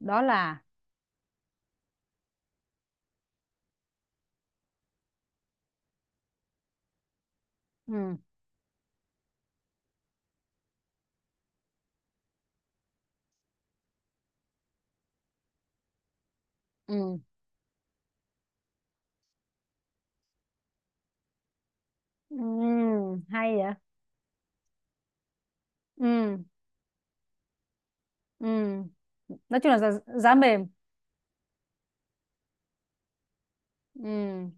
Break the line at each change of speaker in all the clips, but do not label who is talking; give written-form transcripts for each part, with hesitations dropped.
Đó là ừ ừ ừ hay vậy. ừ ừ nói chung là giá mềm. ừ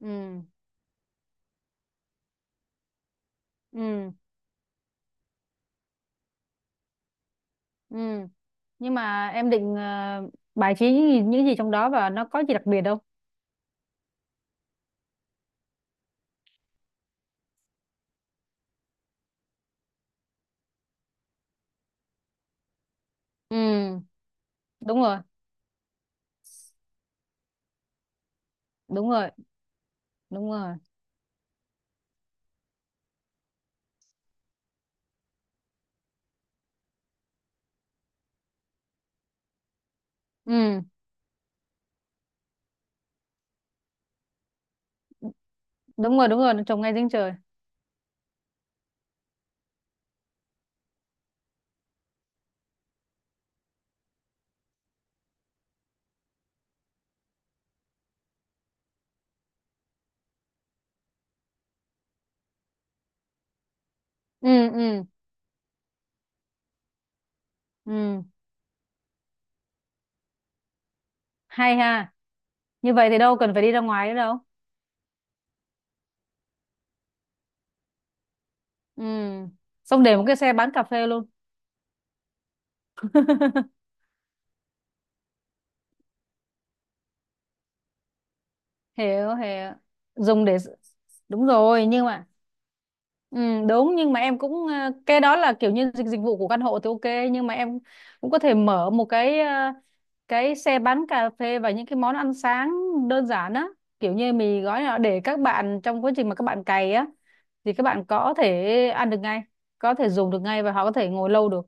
ừ ừ ừ nhưng mà em định bài trí những gì trong đó và nó có gì đặc biệt đâu? ừ đúng rồi, đúng rồi. Đúng rồi. Ừ đúng rồi đúng rồi, nó trồng ngay giếng trời. ừ ừ ừ Hay ha. Như vậy thì đâu cần phải đi ra ngoài nữa đâu. Ừ, xong để một cái xe bán cà phê luôn. Hiểu, hiểu. Dùng để đúng rồi. Nhưng mà ừ, đúng, nhưng mà em cũng cái đó là kiểu như dịch dịch vụ của căn hộ thì ok, nhưng mà em cũng có thể mở một cái cái xe bán cà phê và những cái món ăn sáng đơn giản á, kiểu như mì gói nào để các bạn trong quá trình mà các bạn cày á thì các bạn có thể ăn được ngay, có thể dùng được ngay và họ có thể ngồi lâu được.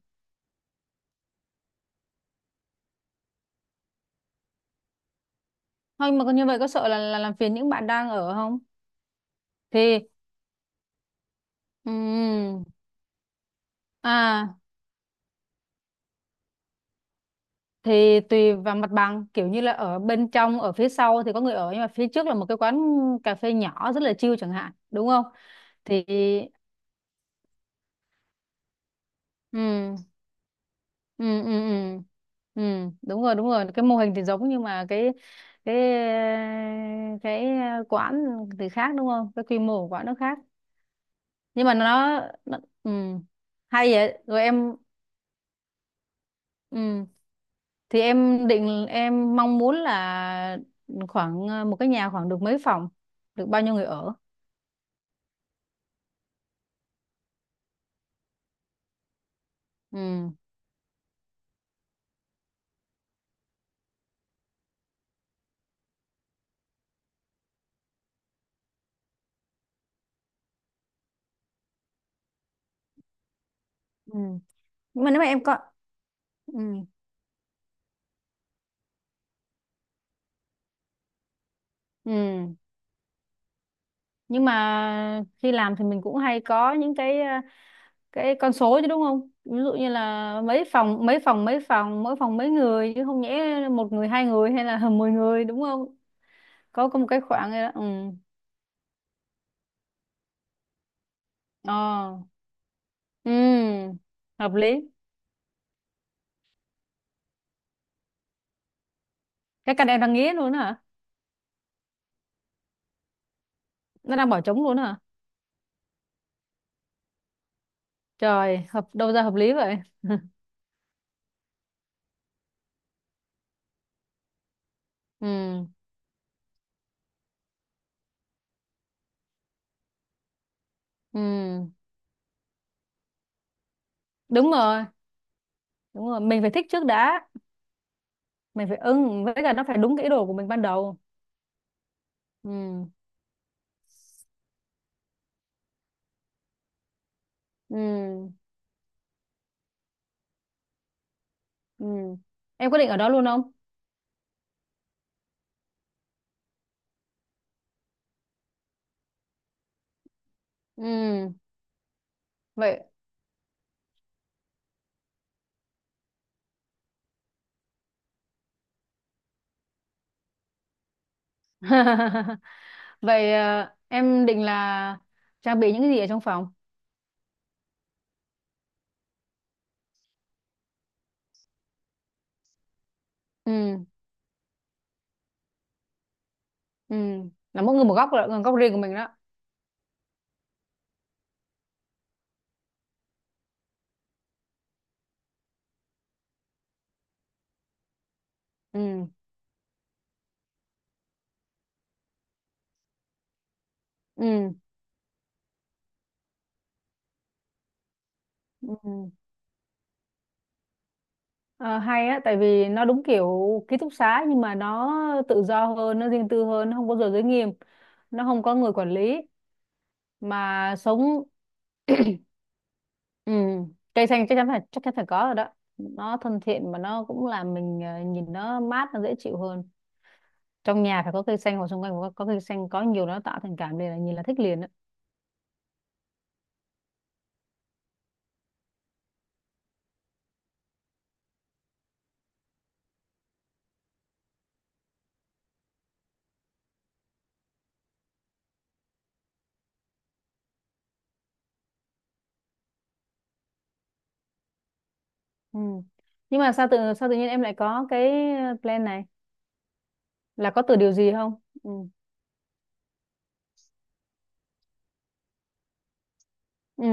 Thôi mà như vậy có sợ là làm phiền những bạn đang ở không? Thì ừm, à, thì tùy vào mặt bằng, kiểu như là ở bên trong ở phía sau thì có người ở, nhưng mà phía trước là một cái quán cà phê nhỏ rất là chill chẳng hạn, đúng không? Thì ừ ừ ừ ừ ừ đúng rồi, đúng rồi, cái mô hình thì giống, nhưng mà cái ờ, cái quán thì khác, đúng không? Cái quy mô của quán nó khác. Nhưng mà nó ừ, hay vậy. Rồi em ừ thì em định, em mong muốn là khoảng một cái nhà khoảng được mấy phòng, được bao nhiêu người ở? ừ ừ. Nhưng mà nếu mà em có ừ. ừ nhưng mà khi làm thì mình cũng hay có những cái cái con số chứ, đúng không? Ví dụ như là mấy phòng, mỗi phòng mấy người, chứ không nhẽ một người, hai người hay là mười người, đúng không? Có có một cái khoảng ấy đó. Ừ ờ ừ Hợp lý. Cái căn em đang nghĩ luôn hả? Nó đang bỏ trống luôn hả? Trời, hợp đâu ra hợp lý vậy. ừ ừ Đúng rồi, đúng rồi, mình phải thích trước đã. Mình phải ưng, với cả nó phải đúng cái ý đồ của mình ban đầu. ừ ừ ừ em quyết định ở đó luôn không? ừ Vậy. Vậy em định là trang bị những cái gì ở trong phòng? ừ ừ là mỗi người một góc rồi, góc riêng của mình đó. ừ ừ ừ Ờ, hay á, tại vì nó đúng kiểu ký túc xá nhưng mà nó tự do hơn, nó riêng tư hơn, nó không có giờ giới nghiêm, nó không có người quản lý mà sống. Ừ, cây xanh chắc chắn phải, chắc chắn phải có rồi đó. Nó thân thiện mà nó cũng làm mình nhìn nó mát, nó dễ chịu hơn. Trong nhà phải có cây xanh, hoặc xung quanh có cây xanh, có nhiều nó tạo thành cảm liền, là nhìn là thích liền đó. Ừ. Nhưng mà sao tự, sao tự nhiên em lại có cái plan này, là có từ điều gì không? Ừ. Ừ.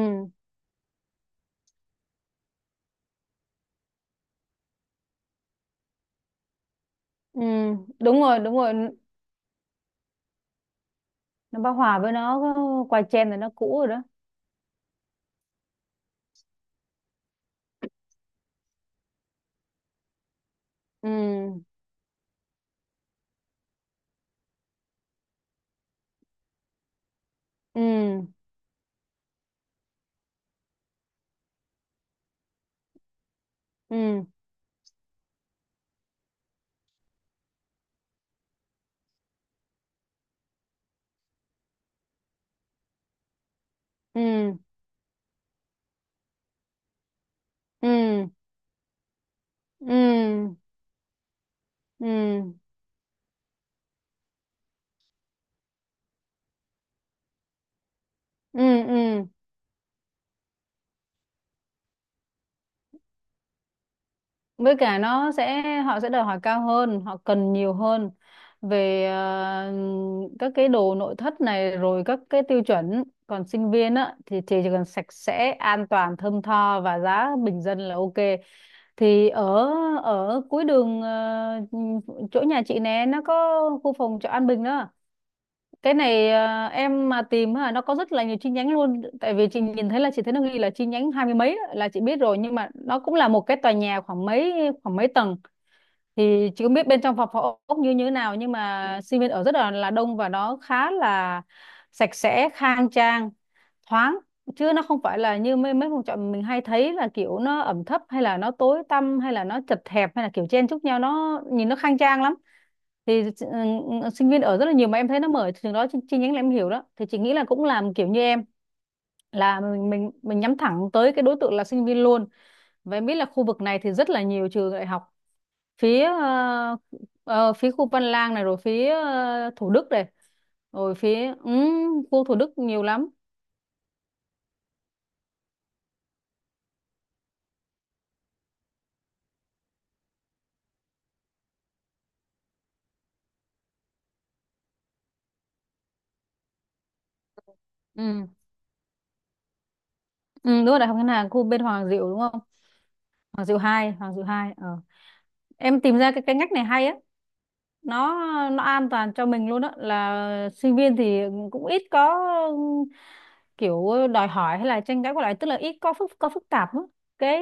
Ừ. Đúng rồi, đúng rồi. Nó bao hòa với nó có quay chen rồi, nó cũ rồi đó. Ừ. Ừ. Ừ. Ừ. Ừ. Ừ. Ừ. Ừ. Ừ. Ừ. Ừ. Với cả nó sẽ, họ sẽ đòi hỏi cao hơn, họ cần nhiều hơn về các cái đồ nội thất này, rồi các cái tiêu chuẩn. Còn sinh viên á thì chỉ cần sạch sẽ, an toàn, thơm tho và giá bình dân là ok. Thì ở ở cuối đường chỗ nhà chị nè, nó có khu phòng trọ An Bình đó. Cái này em mà tìm á, nó có rất là nhiều chi nhánh luôn. Tại vì chị nhìn thấy, là chị thấy nó ghi là chi nhánh hai mươi mấy á, là chị biết rồi, nhưng mà nó cũng là một cái tòa nhà khoảng mấy, khoảng mấy tầng. Thì chị không biết bên trong phòng phòng ốc như như thế nào, nhưng mà sinh viên ở rất là đông, và nó khá là sạch sẽ, khang trang, thoáng. Chứ nó không phải là như mấy mấy phòng trọ mình hay thấy, là kiểu nó ẩm thấp, hay là nó tối tăm, hay là nó chật hẹp, hay là kiểu chen chúc nhau. Nó nhìn nó khang trang lắm. Thì ừ, ừ, sinh viên ở rất là nhiều, mà em thấy nó mở trường đó chi, chi nhánh là em hiểu đó. Thì chị nghĩ là cũng làm kiểu như em, là mình mình nhắm thẳng tới cái đối tượng là sinh viên luôn. Và em biết là khu vực này thì rất là nhiều trường đại học, phía phía khu Văn Lang này, rồi phía Thủ Đức này, rồi phía khu Thủ Đức nhiều lắm. Ừ. Ừ đúng rồi, Đại học Ngân hàng khu bên Hoàng Diệu đúng không? Hoàng Diệu hai, Hoàng Diệu 2 ờ. Em tìm ra cái ngách này hay á. nó nó an toàn cho mình luôn á, là sinh viên thì cũng ít có kiểu đòi hỏi hay là tranh cãi qua lại, tức là ít có phức tạp á. Cái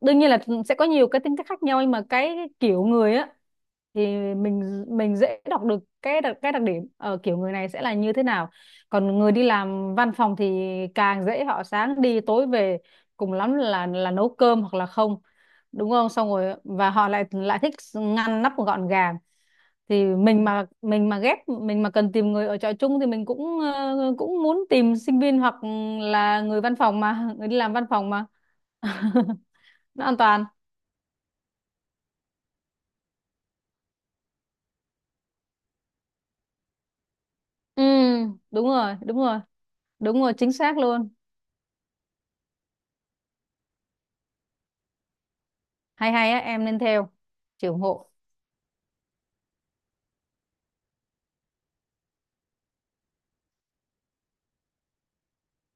đương nhiên là sẽ có nhiều cái tính cách khác nhau, nhưng mà cái kiểu người á thì mình dễ đọc được cái đặc điểm ở kiểu người này sẽ là như thế nào. Còn người đi làm văn phòng thì càng dễ, họ sáng đi tối về, cùng lắm là nấu cơm hoặc là không, đúng không? Xong rồi và họ lại lại thích ngăn nắp gọn gàng. Thì mình mà, mình mà ghép, mình mà cần tìm người ở trọ chung thì mình cũng cũng muốn tìm sinh viên, hoặc là người văn phòng, mà người đi làm văn phòng mà. Nó an toàn. ừ Đúng rồi, đúng rồi. Đúng rồi, chính xác luôn. Hay, hay á, em nên theo. Chị ủng hộ.